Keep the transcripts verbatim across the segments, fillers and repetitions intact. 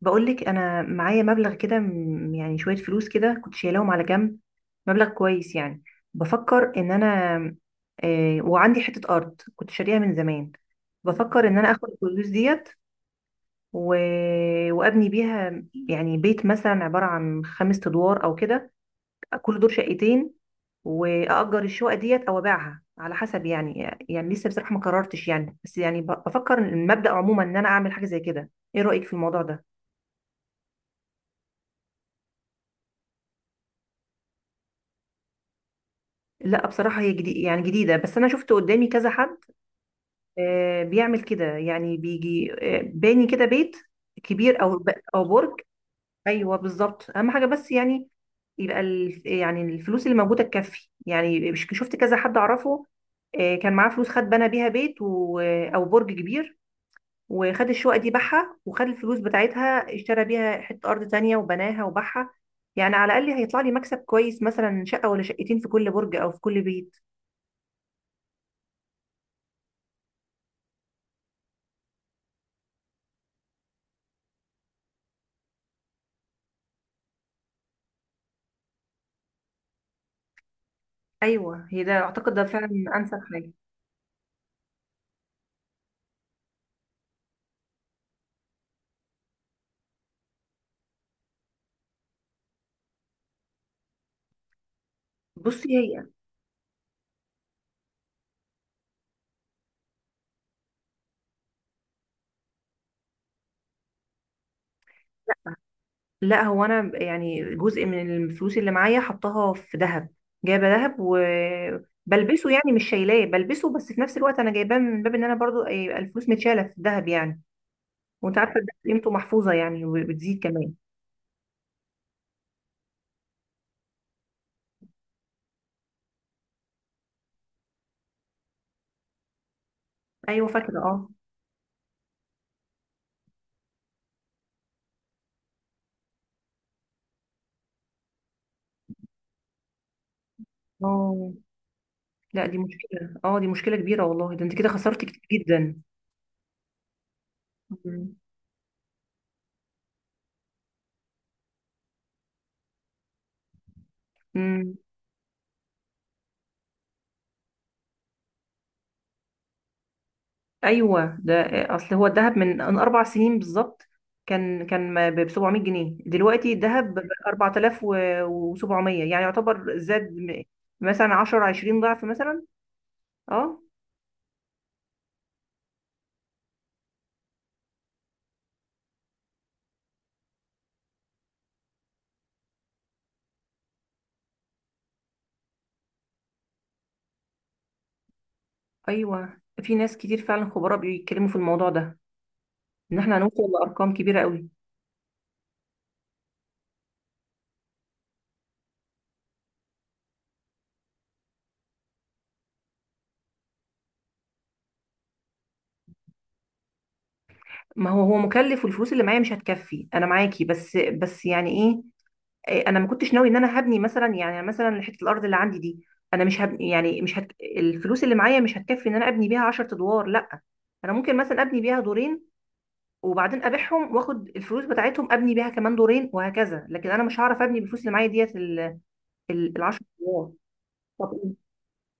بقولك انا معايا مبلغ كده م- يعني شويه فلوس كده كنت شايلاهم على جنب، مبلغ كويس يعني. بفكر ان انا، آه، وعندي حته ارض كنت شاريها من زمان. بفكر ان انا اخد الفلوس ديت و... وابني بيها يعني بيت مثلا عباره عن خمس ادوار او كده، كل دور شقتين، واجر الشقه ديت او ابيعها على حسب. يعني يعني لسه بصراحه ما قررتش، يعني بس يعني ب- بفكر المبدا عموما ان انا اعمل حاجه زي كده. ايه رايك في الموضوع ده؟ لا، بصراحة هي جديد يعني جديدة، بس أنا شفت قدامي كذا حد. آه، بيعمل كده يعني بيجي، آه، باني كده بيت كبير أو ب- أو برج. أيوه بالظبط، أهم حاجة بس يعني يبقى ال- يعني الفلوس اللي موجودة تكفي يعني، مش- شفت كذا حد أعرفه، آه، كان معاه فلوس، خد بنى بيها بيت و- أو برج كبير، وخد الشقة دي باعها وخد الفلوس بتاعتها اشترى بيها حتة أرض تانية وبناها وباعها. يعني على الأقل هيطلع لي مكسب كويس، مثلا شقة ولا شقتين في كل برج أو في كل بيت. ايوه، هي ده، اعتقد ده فعلا انسب حاجه. بصي، هي لا، هو انا يعني جزء من الفلوس اللي معايا حطاها في ذهب. جايبه ذهب وبلبسه، يعني مش شايلاه بلبسه، بس في نفس الوقت انا جايباه من باب ان انا برضو يبقى الفلوس متشاله في الذهب يعني. وانت عارفه الذهب قيمته محفوظه يعني، وبتزيد كمان. ايوه فاكره اه. اه لا، دي مشكله، اه دي مشكله كبيره والله، ده انت كده خسرت كتير جدا. مم. مم. ايوه ده. اصل هو الذهب من من اربع سنين بالظبط كان كان ما- ب سبعمية جنيه، دلوقتي الذهب ب اربعة الاف وسبعمية، يعني يعتبر زاد، م- مثلا عشرة عشرين ضعف مثلا. اه. ايوه، في ناس كتير فعلا خبراء بيتكلموا في الموضوع ده، ان احنا هنوصل لارقام كبيره قوي. ما هو هو مكلف، والفلوس اللي معايا مش هتكفي. انا معاكي، بس بس يعني ايه، إيه، انا ما كنتش ناوي ان انا هبني مثلا، يعني مثلا حته الارض اللي عندي دي انا مش هبني، يعني مش هت... الفلوس اللي معايا مش هتكفي ان انا ابني بيها عشرة ادوار لا. انا ممكن مثلا ابني بيها دورين، وبعدين ابيعهم واخد الفلوس بتاعتهم ابني بيها كمان دورين وهكذا، لكن انا مش هعرف ابني بالفلوس اللي معايا ديت ال... ال... العشر ادوار. طب قول-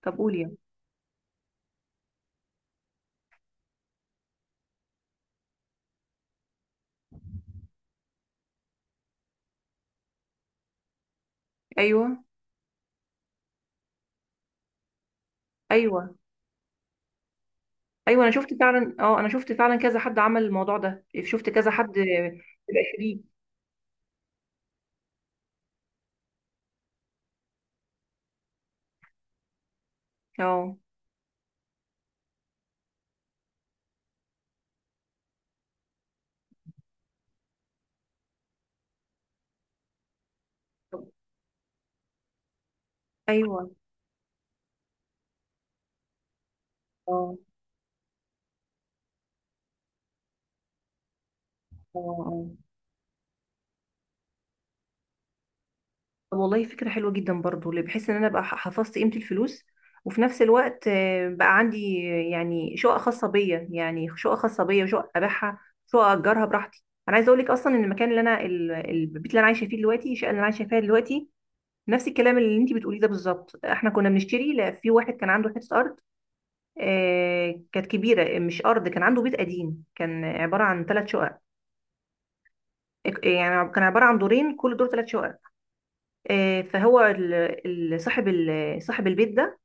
طب قولي يعني. ايوه، ايوه. ايوه انا شفت فعلا، اه انا شفت فعلا كذا حد عمل الموضوع ده، شفت كذا حد، آه، يبقى شريك. اه. ايوه. اه. اه. آه. طب والله فكرة حلوة جدا برضو، اللي بحس ان انا بقى حفظت قيمة الفلوس، وفي نفس الوقت آه، بقى عندي، آه، يعني شقة خاصة بيا، يعني شقة خاصة بيا وشقة ابيعها، شقة اجرها براحتي. انا عايزة اقول لك اصلا ان المكان اللي انا ال- البيت اللي انا عايشة فيه دلوقتي، الشقة اللي انا عايشة فيها دلوقتي نفس الكلام اللي انت بتقوليه ده بالظبط. احنا كنا بنشتري، لا، في واحد كان عنده حتة ارض، آه، كانت كبيرة، مش ارض، كان عنده بيت قديم كان عبارة عن ثلاث شقق، يعني كان عبارة عن دورين كل دور ثلاث شقق، آه، فهو ال- ال- صاحب ال- صاحب البيت ده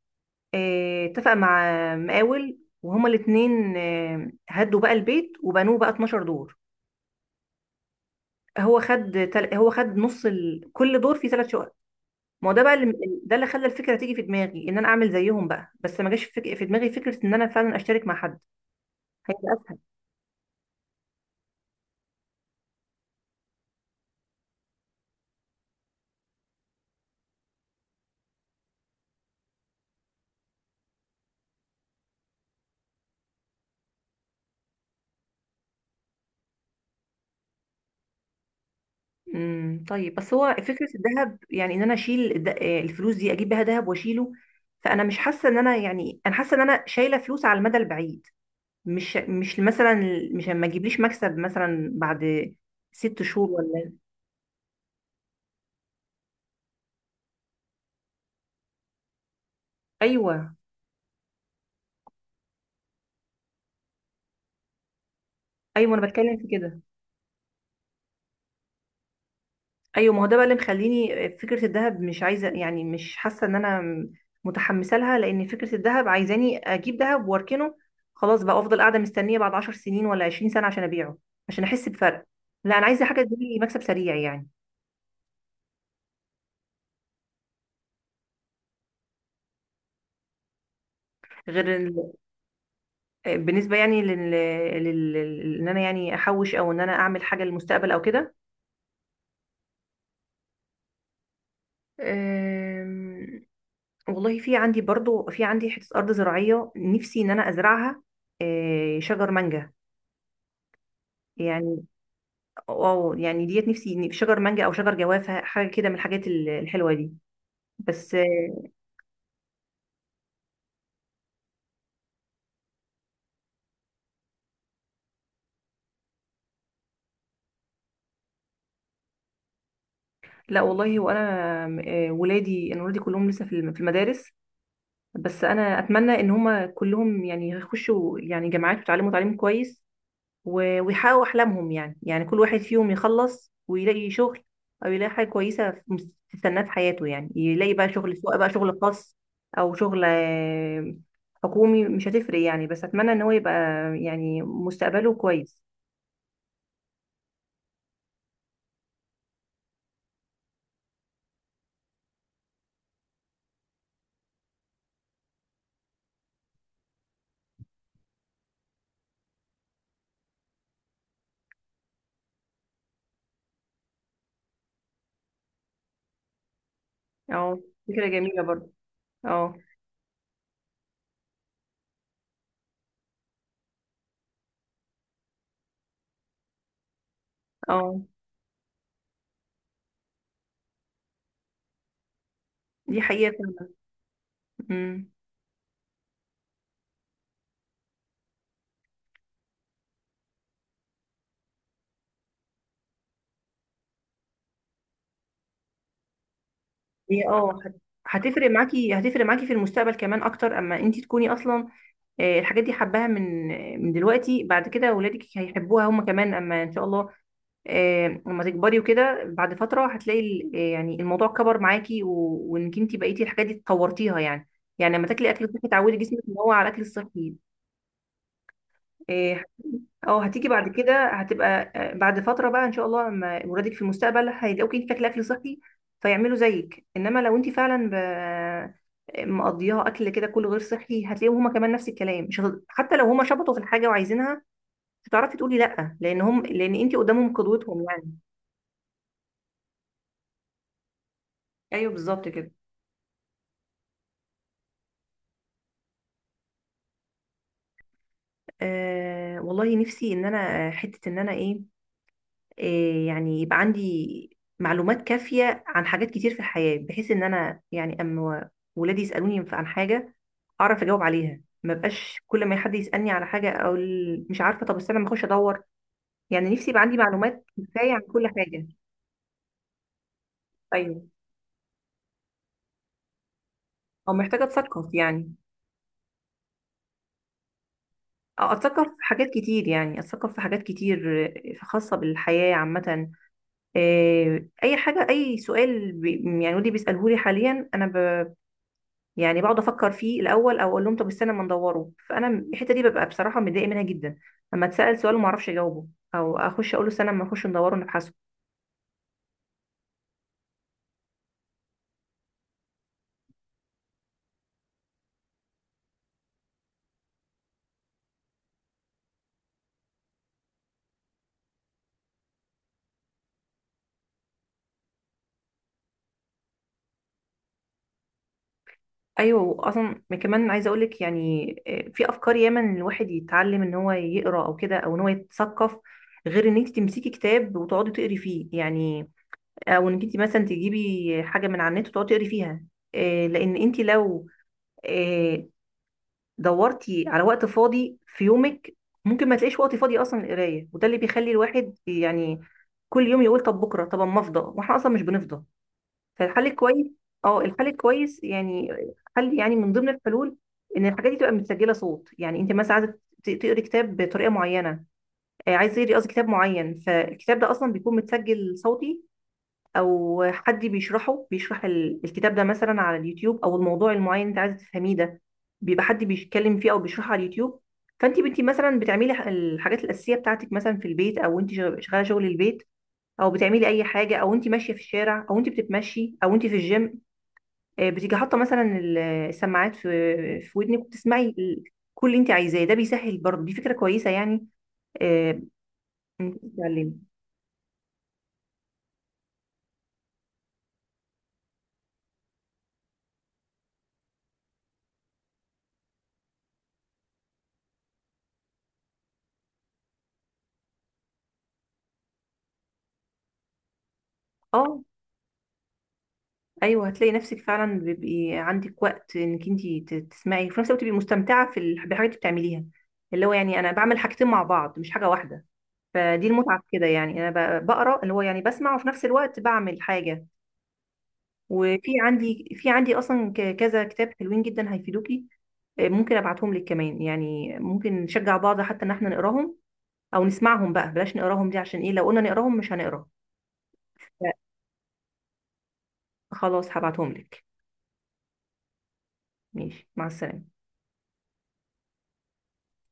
آه، اتفق مع مقاول، وهما الاتنين آه، هدوا بقى البيت وبنوه بقى اتناشر دور. هو خد تل- هو خد نص ال... كل دور فيه ثلاث شقق. ما هو ده بقى اللي، ده اللي خلى الفكره تيجي في دماغي ان انا اعمل زيهم بقى، بس ما جاش في فك- في دماغي فكره ان انا فعلا اشترك مع حد، هيبقى اسهل. امم طيب، بس هو فكره الذهب يعني ان انا اشيل الد- آه، الفلوس دي اجيب بيها ذهب واشيله، فانا مش حاسه ان انا يعني، انا حاسه ان انا شايله فلوس على المدى البعيد، مش مش مثلا، مش ما تجيبليش مكسب مثلا بعد ست شهور ولا. ايوه. ايوه انا بتكلم في كده. ايوه، ما هو ده بقى اللي مخليني فكره الذهب مش عايزه، يعني مش حاسه ان انا متحمسه لها، لان فكره الذهب عايزاني اجيب ذهب واركنه، خلاص بقى افضل قاعده مستنيه بعد عشر سنين ولا عشرين سنه عشان ابيعه، عشان احس بفرق. لا انا عايزه حاجه تجيب لي مكسب سريع يعني. غير ال... بالنسبه يعني لل... لل... لل... ان انا يعني احوش او ان انا اعمل حاجه للمستقبل او كده. أم، والله في عندي برضو، في عندي حتة أرض زراعية نفسي إن أنا أزرعها، آه، شجر مانجا يعني، أو يعني ديت نفسي إن- شجر مانجا أو شجر جوافة، حاجة كده من الحاجات ال- الحلوة دي، بس آه، لا والله. وأنا آه، ولادي، أنا ولادي كلهم لسه في الم- في المدارس، بس أنا أتمنى إن هما كلهم يعني يخشوا يعني جامعات ويتعلموا تعليم كويس، و- ويحققوا أحلامهم، يعني يعني كل واحد فيهم يخلص ويلاقي شغل، أو يلاقي حاجة كويسة في مس- تستناه في حياته، يعني يلاقي بقى شغل، سواء بقى شغل خاص أو شغل آه، حكومي، مش هتفرق يعني، بس أتمنى إن هو يبقى يعني مستقبله كويس. اه فكرة جميلة برضه. اه. اه دي حقيقة فعلا. أمم. هي اه هت- هتفرق معاكي، هتفرق معاكي في المستقبل كمان أكتر أما أنتي تكوني أصلا آه، الحاجات دي حباها من من دلوقتي. بعد كده ولادك هيحبوها هما كمان، اما ان شاء الله آه، لما تكبري وكده بعد فترة هتلاقي ال- آه، يعني الموضوع كبر معاكي، و- وانك انت بقيتي الحاجات دي اتطورتيها يعني. يعني لما تاكلي اكل صحي تعودي جسمك ان هو على الاكل الصحي، آه، او هتيجي بعد كده هتبقى آه، بعد فترة بقى ان شاء الله لما ولادك في المستقبل هيلاقوكي انت بتاكلي اكل صحي فيعملوا زيك. انما لو انت فعلا ب... آه، مقضياها اكل كده كله غير صحي، هتلاقيهم هما كمان نفس الكلام، مش هت... حتى لو هما شبطوا في الحاجة وعايزينها مش هتعرفي تقولي لا، لان هم، لان انت قدامهم قدوتهم يعني. ايوه بالظبط كده. آه والله نفسي ان انا، آه، حته ان انا ايه، آه يعني يبقى عندي معلومات كافيه عن حاجات كتير في الحياه، بحيث ان انا يعني اما ولادي يسالوني ف- عن حاجه اعرف اجاوب عليها، ما بقاش كل ما حد يسالني على حاجه او ال- مش عارفه طب استنى ما اخش ادور، يعني نفسي يبقى عندي معلومات كفايه عن كل حاجه. ايوه او محتاجه اتثقف يعني. أه، اتثقف في حاجات كتير يعني، اتثقف في حاجات كتير آه، خاصه بالحياه عامه، آه، اي حاجه اي سؤال بي يعني ودي بيساله لي حاليا انا ب، يعني بقعد افكر فيه الاول او اقول لهم طب استنى ما ندوره، فانا الحته دي ببقى بصراحه متضايقه منها جدا اما اتسال سؤال وما اعرفش اجاوبه، او اخش اقول له استنى ما نخش ندوره نبحثه. ايوه اصلا كمان عايزه اقول لك يعني آه، في افكار ياما ان الواحد يتعلم ان هو يقرا او كده، او ان هو يتثقف غير ان انت تمسكي كتاب وتقعدي تقري فيه يعني، او ان انت مثلا تجيبي حاجه من على النت وتقعدي تقري فيها. آه، لان انت لو آه، دورتي على وقت فاضي في يومك ممكن ما تلاقيش وقت فاضي اصلا للقرايه، وده اللي بيخلي الواحد يعني كل يوم يقول طب بكره، طب اما افضى، واحنا اصلا مش بنفضى. فالحل الكويس، اه الحل الكويس يعني حل يعني من ضمن الحلول، ان الحاجات دي تبقى متسجله صوت. يعني انت مثلا عايزه ت- تقري كتاب بطريقه معينه، آه، عايزه تقري قصدي كتاب معين، فالكتاب ده اصلا بيكون متسجل صوتي، او حد بيشرحه بيشرح ال- الكتاب ده مثلا على اليوتيوب، او الموضوع المعين انت عايزه تفهميه ده بيبقى حد بيتكلم فيه او بيشرحه على اليوتيوب. فانت بنتي مثلا بتعملي ح- الحاجات الاساسيه بتاعتك مثلا في البيت، او انت شغ- شغاله شغل البيت، او بتعملي اي حاجه، او انت ماشيه في الشارع، او انت بتتمشي، او انت في الجيم، آه، بتيجي حاطه مثلا ال- السماعات في في ودنك، وبتسمعي ال- كل اللي انت عايزاه ده، بيسهل برضه دي فكره كويسه يعني، آه، إنك تتعلمي. اه ايوه، هتلاقي نفسك فعلا بيبقي عندك وقت انك انت تسمعي وفي نفس الوقت تبقي مستمتعه في ال- بالحاجات اللي بتعمليها، اللي هو يعني انا بعمل حاجتين مع بعض مش حاجه واحده. فدي المتعه في كده يعني، انا ب- بقرا، اللي هو يعني بسمع وفي نفس الوقت بعمل حاجه. وفي عندي في عندي اصلا ك- كذا كتاب حلوين جدا هيفيدوكي، آه، ممكن ابعتهم لك كمان، يعني ممكن نشجع بعض حتى ان احنا نقراهم، او نسمعهم بقى بلاش نقراهم، دي عشان ايه لو قلنا نقراهم مش هنقرا. لا، خلاص هبعتهم لك. ماشي، مع السلامه.